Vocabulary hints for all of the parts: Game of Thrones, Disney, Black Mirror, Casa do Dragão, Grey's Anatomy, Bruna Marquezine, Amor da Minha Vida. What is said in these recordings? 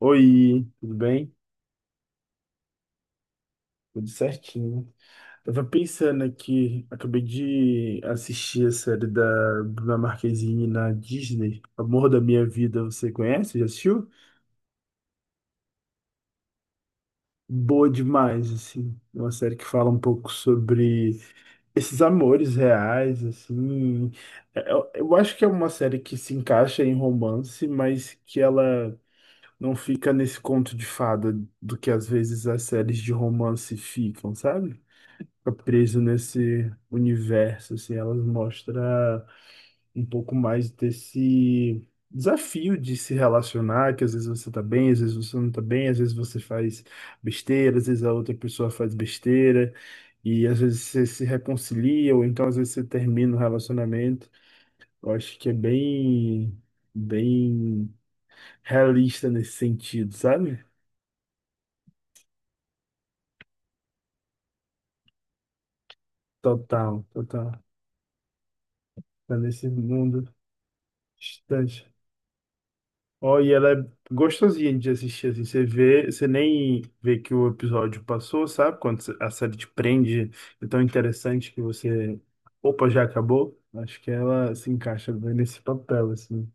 Oi, tudo bem? Tudo certinho. Tava pensando aqui, acabei de assistir a série da Bruna Marquezine na Disney, Amor da Minha Vida, você conhece? Já assistiu? Boa demais, assim. É uma série que fala um pouco sobre esses amores reais, assim. Eu acho que é uma série que se encaixa em romance, mas que ela não fica nesse conto de fada do que às vezes as séries de romance ficam, sabe? Fica preso nesse universo, assim, elas mostra um pouco mais desse desafio de se relacionar, que às vezes você tá bem, às vezes você não tá bem, às vezes você faz besteira, às vezes a outra pessoa faz besteira, e às vezes você se reconcilia, ou então às vezes você termina o relacionamento. Eu acho que é bem realista nesse sentido, sabe? Total, total. Tá nesse mundo distante. Ó, e ela é gostosinha de assistir, assim, você vê, você nem vê que o episódio passou, sabe? Quando a série te prende, é tão interessante que você, opa, já acabou. Acho que ela se encaixa bem nesse papel, assim.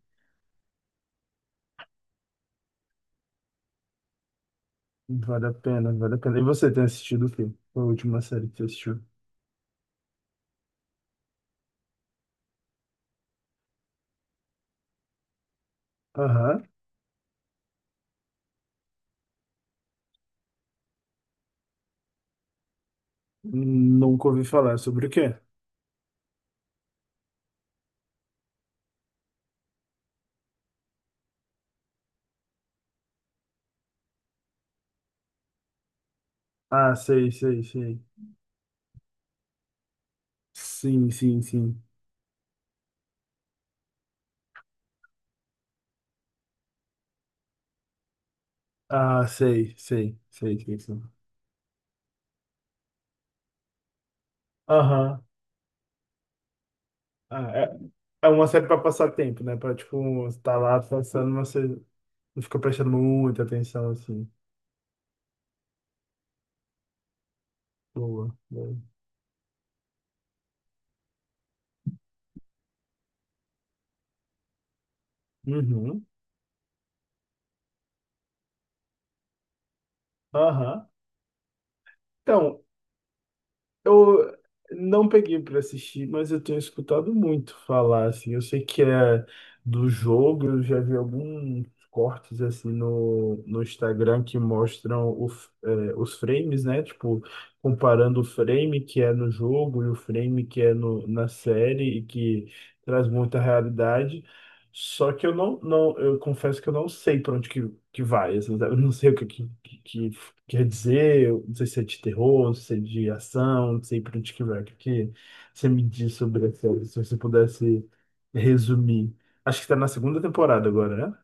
Vale a pena, vale a pena. E você tem assistido o quê? Qual a última série que você assistiu? Aham. Nunca ouvi falar sobre o quê? Ah, sei, sei, sei. Sim, sim, sim. Ah, sei, sei, sei, sei, sim. Aham. Ah, é- É uma série pra passar tempo, né? Pra, tipo, você tá lá passando, mas você não fica prestando muita atenção, assim. Boa, boa. Uhum. Aham. Então, eu não peguei pra assistir, mas eu tenho escutado muito falar, assim. Eu sei que é do jogo, eu já vi alguns cortes, assim, no Instagram que mostram os frames, né? Tipo, comparando o frame que é no jogo e o frame que é no, na série e que traz muita realidade. Só que eu confesso que eu não sei para onde que vai, assim. Eu não sei o que quer dizer. Eu não sei se é de terror, não sei se é de ação, não sei para onde que vai. O que você me diz sobre essa, se você pudesse resumir. Acho que está na segunda temporada agora, né?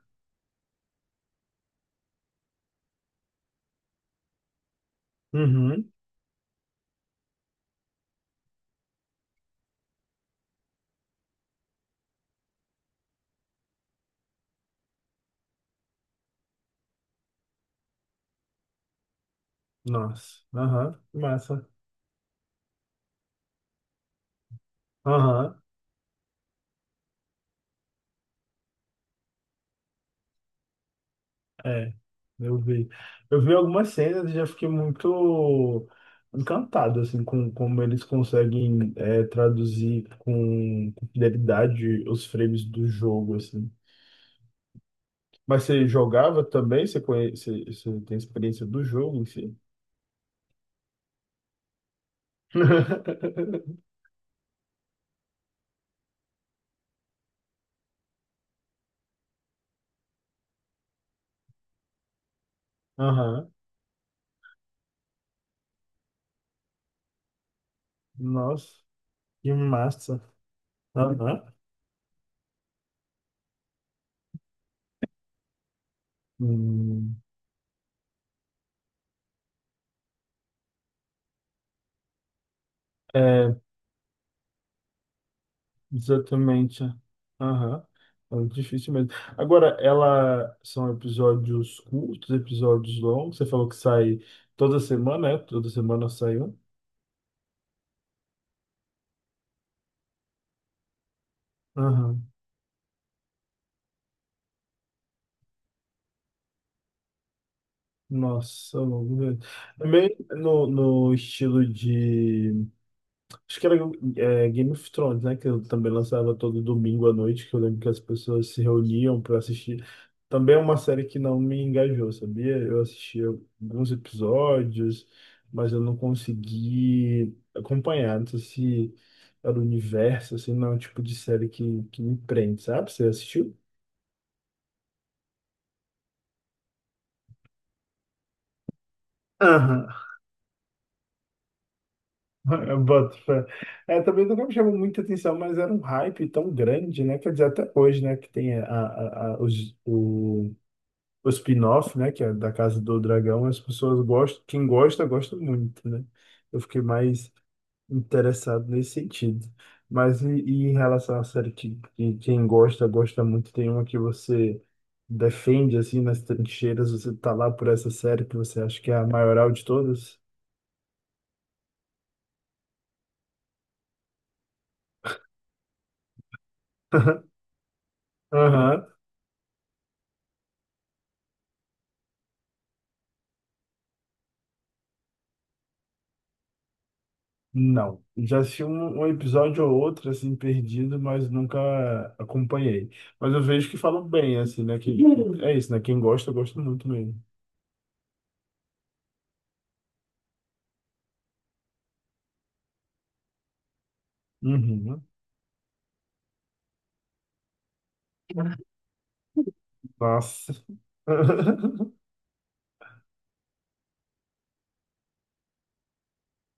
Uhum. Nossa. Aham. Massa. Aham. É, eu vi. Eu vi algumas cenas e já fiquei muito encantado, assim, com como eles conseguem traduzir com fidelidade os frames do jogo, assim. Mas você jogava também? Você conhece, você tem experiência do jogo em si? Aham. Nossa, que massa. Aham. Hum. É, Exatamente. Aham. É difícil mesmo. Agora, ela são episódios curtos, episódios longos. Você falou que sai toda semana, é? Toda semana sai um. Aham. Nossa, longo mesmo. Também no estilo de Acho que era é, Game of Thrones, né? Que eu também lançava todo domingo à noite, que eu lembro que as pessoas se reuniam para assistir. Também é uma série que não me engajou, sabia? Eu assistia alguns episódios, mas eu não consegui acompanhar. Não sei se era o universo, assim, não é o tipo de série que me prende, sabe? Você assistiu? Aham. Eu boto fé. É, também nunca me chamou muita atenção, mas era um hype tão grande, né? Quer dizer, até hoje, né? Que tem a, os, o spin-off, né, que é da Casa do Dragão, as pessoas gostam, quem gosta, gosta muito, né? Eu fiquei mais interessado nesse sentido. Mas e em relação à série que quem gosta, gosta muito, tem uma que você defende, assim, nas trincheiras, você tá lá por essa série que você acha que é a maioral de todas? Aham. Não, já assisti um episódio ou outro, assim, perdido, mas nunca acompanhei. Mas eu vejo que falam bem, assim, né? Que, é isso, né? Quem gosta, gosta muito mesmo. Uhum. Nossa.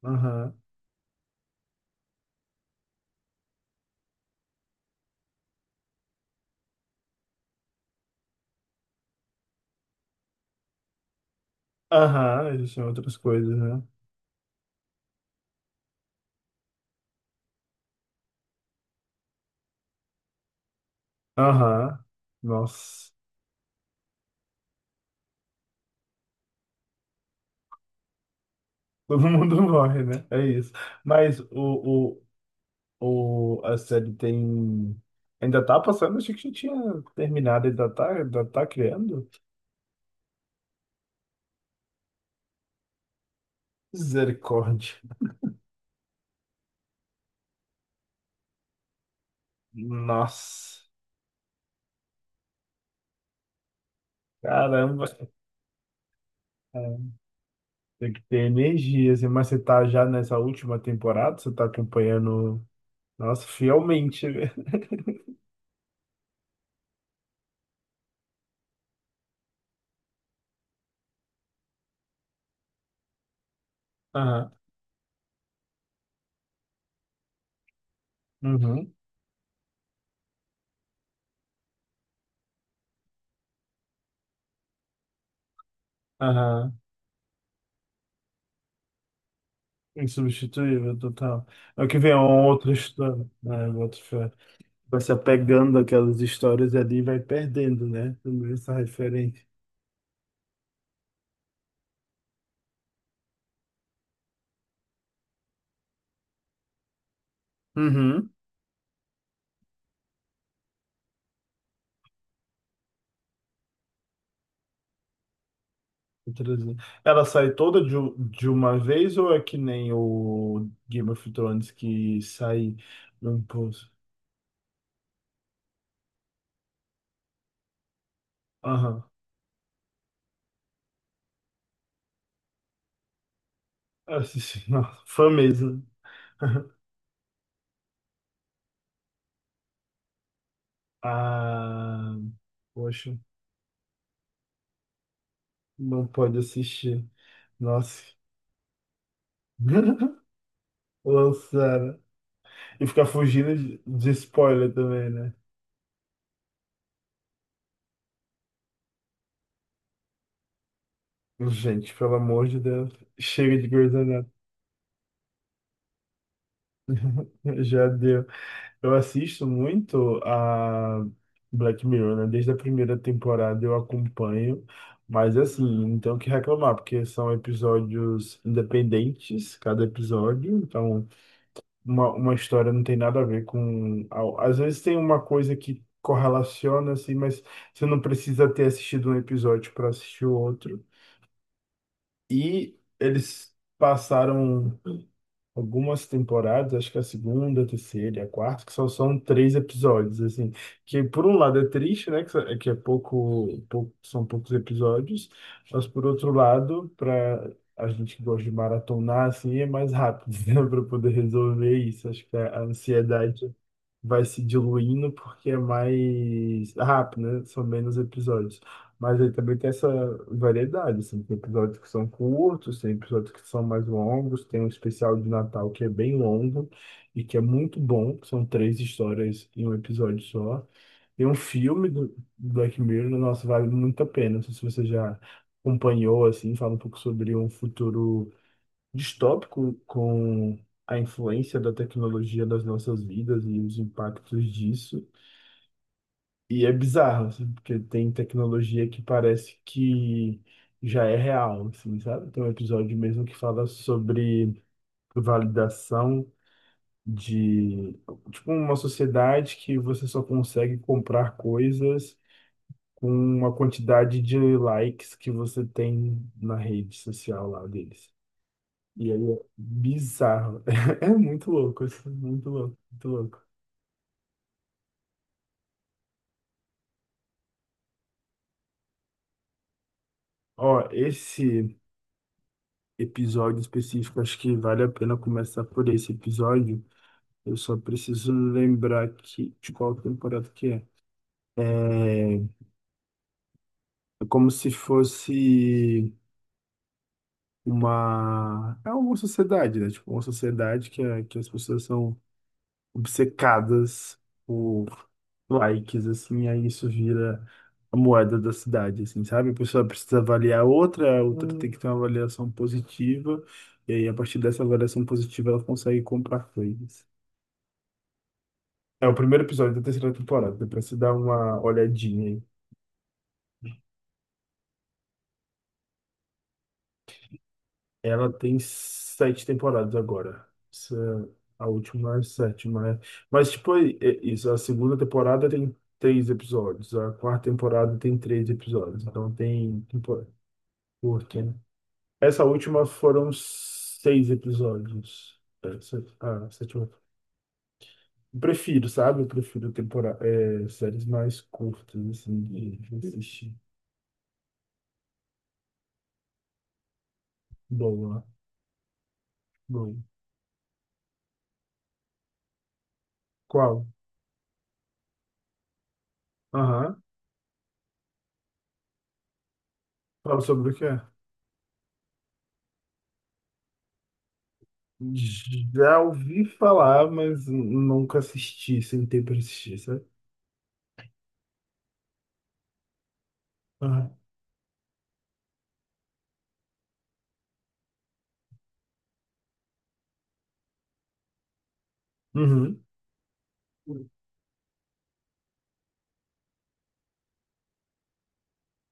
Aham. Aham, existem outras coisas, né? Aham. Nossa. Todo mundo morre, né? É isso. Mas a série tem. Ainda tá passando? Achei que já tinha terminado. Ainda tá criando? Misericórdia. Nossa. Caramba. É, tem que ter energia, assim. Mas você tá já nessa última temporada? Você tá acompanhando. Nossa, fielmente, né? Aham. Uhum. Aham. Insubstituível, total. É o que vem é uma outra história, né? Outra fé. Vai se apegando àquelas histórias ali e vai perdendo, né? Também essa referência. Uhum. Outras- Ela sai toda de uma vez ou é que nem o Game of Thrones que sai num pouso? Aham. Essa sim, nossa, fã mesmo. Ah, poxa, não pode assistir. Nossa. Lançaram. E ficar fugindo de spoiler também, né? Gente, pelo amor de Deus, chega de Grey's Anatomy. Já deu. Eu assisto muito a Black Mirror, né? Desde a primeira temporada eu acompanho, mas assim, não tenho o que reclamar, porque são episódios independentes, cada episódio, então uma história não tem nada a ver com. Às vezes tem uma coisa que correlaciona, assim, mas você não precisa ter assistido um episódio para assistir o outro. E eles passaram algumas temporadas, acho que a segunda, a terceira e a quarta, que só são três episódios, assim. Que por um lado é triste, né? Que é pouco, são poucos episódios, mas por outro lado, para a gente que gosta de maratonar, assim, é mais rápido, né? Para poder resolver isso. Acho que a ansiedade vai se diluindo porque é mais rápido, né? São menos episódios. Mas aí também tem essa variedade, assim, tem episódios que são curtos, tem episódios que são mais longos, tem um especial de Natal que é bem longo e que é muito bom, que são três histórias em um episódio só. Tem um filme do Black Mirror, nossa, vale muito a pena. Não sei se você já acompanhou, assim, fala um pouco sobre um futuro distópico com a influência da tecnologia nas nossas vidas e os impactos disso. E é bizarro, assim, porque tem tecnologia que parece que já é real, assim, sabe? Tem um episódio mesmo que fala sobre validação de, tipo, uma sociedade que você só consegue comprar coisas com uma quantidade de likes que você tem na rede social lá deles. E aí é bizarro. É muito louco, isso, é muito louco, muito louco. Ó, esse episódio específico, acho que vale a pena começar por esse episódio. Eu só preciso lembrar de qual temporada que é. É, é como se fosse uma. É uma sociedade, né? Tipo, uma sociedade que as pessoas são obcecadas por likes, assim, aí isso vira a moeda da cidade, assim, sabe? A pessoa precisa avaliar outra, a outra tem que ter uma avaliação positiva, e aí a partir dessa avaliação positiva ela consegue comprar coisas. É o primeiro episódio da terceira temporada, depois você dar uma olhadinha aí. Ela tem sete temporadas agora. Essa, é a última é a sétima, né? Mas, tipo, é isso. A segunda temporada tem três episódios. A quarta temporada tem três episódios. Então, tem temporada curta, né? Essa última foram seis episódios. Essa, a sétima. Eu Prefiro, sabe? Eu prefiro séries mais curtas, assim, de assistir. Boa, boa. Qual? Aham. Fala sobre o que é. Já ouvi falar, mas nunca assisti, sentei para assistir, sabe? Aham. Uhum.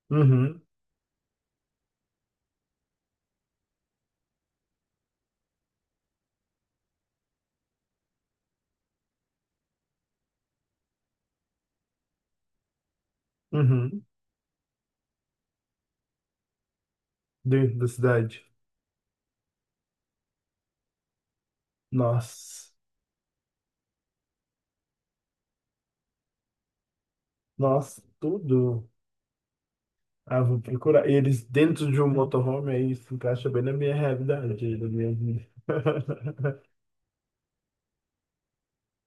Uhum. Uhum. Dentro da cidade. Nossa. Nossa, tudo. Ah, vou procurar. Eles dentro de um motorhome, aí se encaixa bem na minha realidade, na minha vida.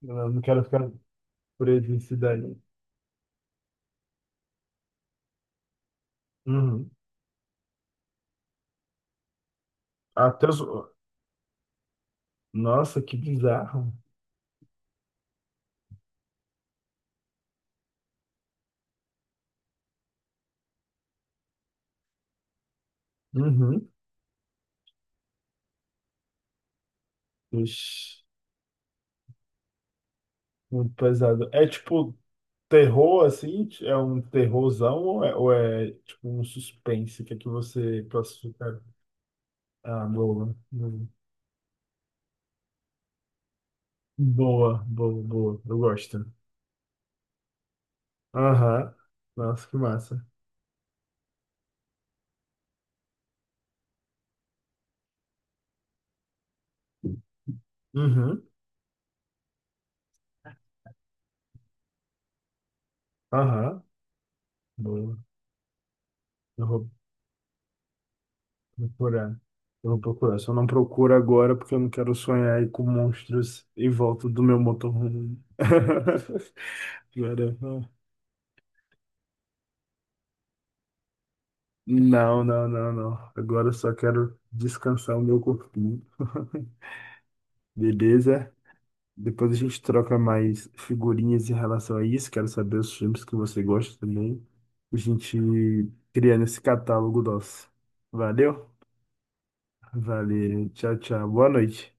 Eu não quero ficar preso em cidade. Uhum. Até os... Nossa, que bizarro. Uhum. Ixi, muito pesado. É tipo terror, assim, é um terrorzão ou é, tipo um suspense? O que é que você classifica? Ah, boa. Boa. Eu gosto. Aham. Nossa, que massa. Uhum. Aham. Boa. Eu vou procurar. Eu vou procurar. Só não procuro agora porque eu não quero sonhar aí com monstros em volta do meu motorhome. Agora, não. Agora eu só quero descansar o meu corpinho. Beleza? Depois a gente troca mais figurinhas em relação a isso. Quero saber os filmes que você gosta também. A gente criando esse catálogo nosso. Valeu? Valeu. Tchau, tchau. Boa noite.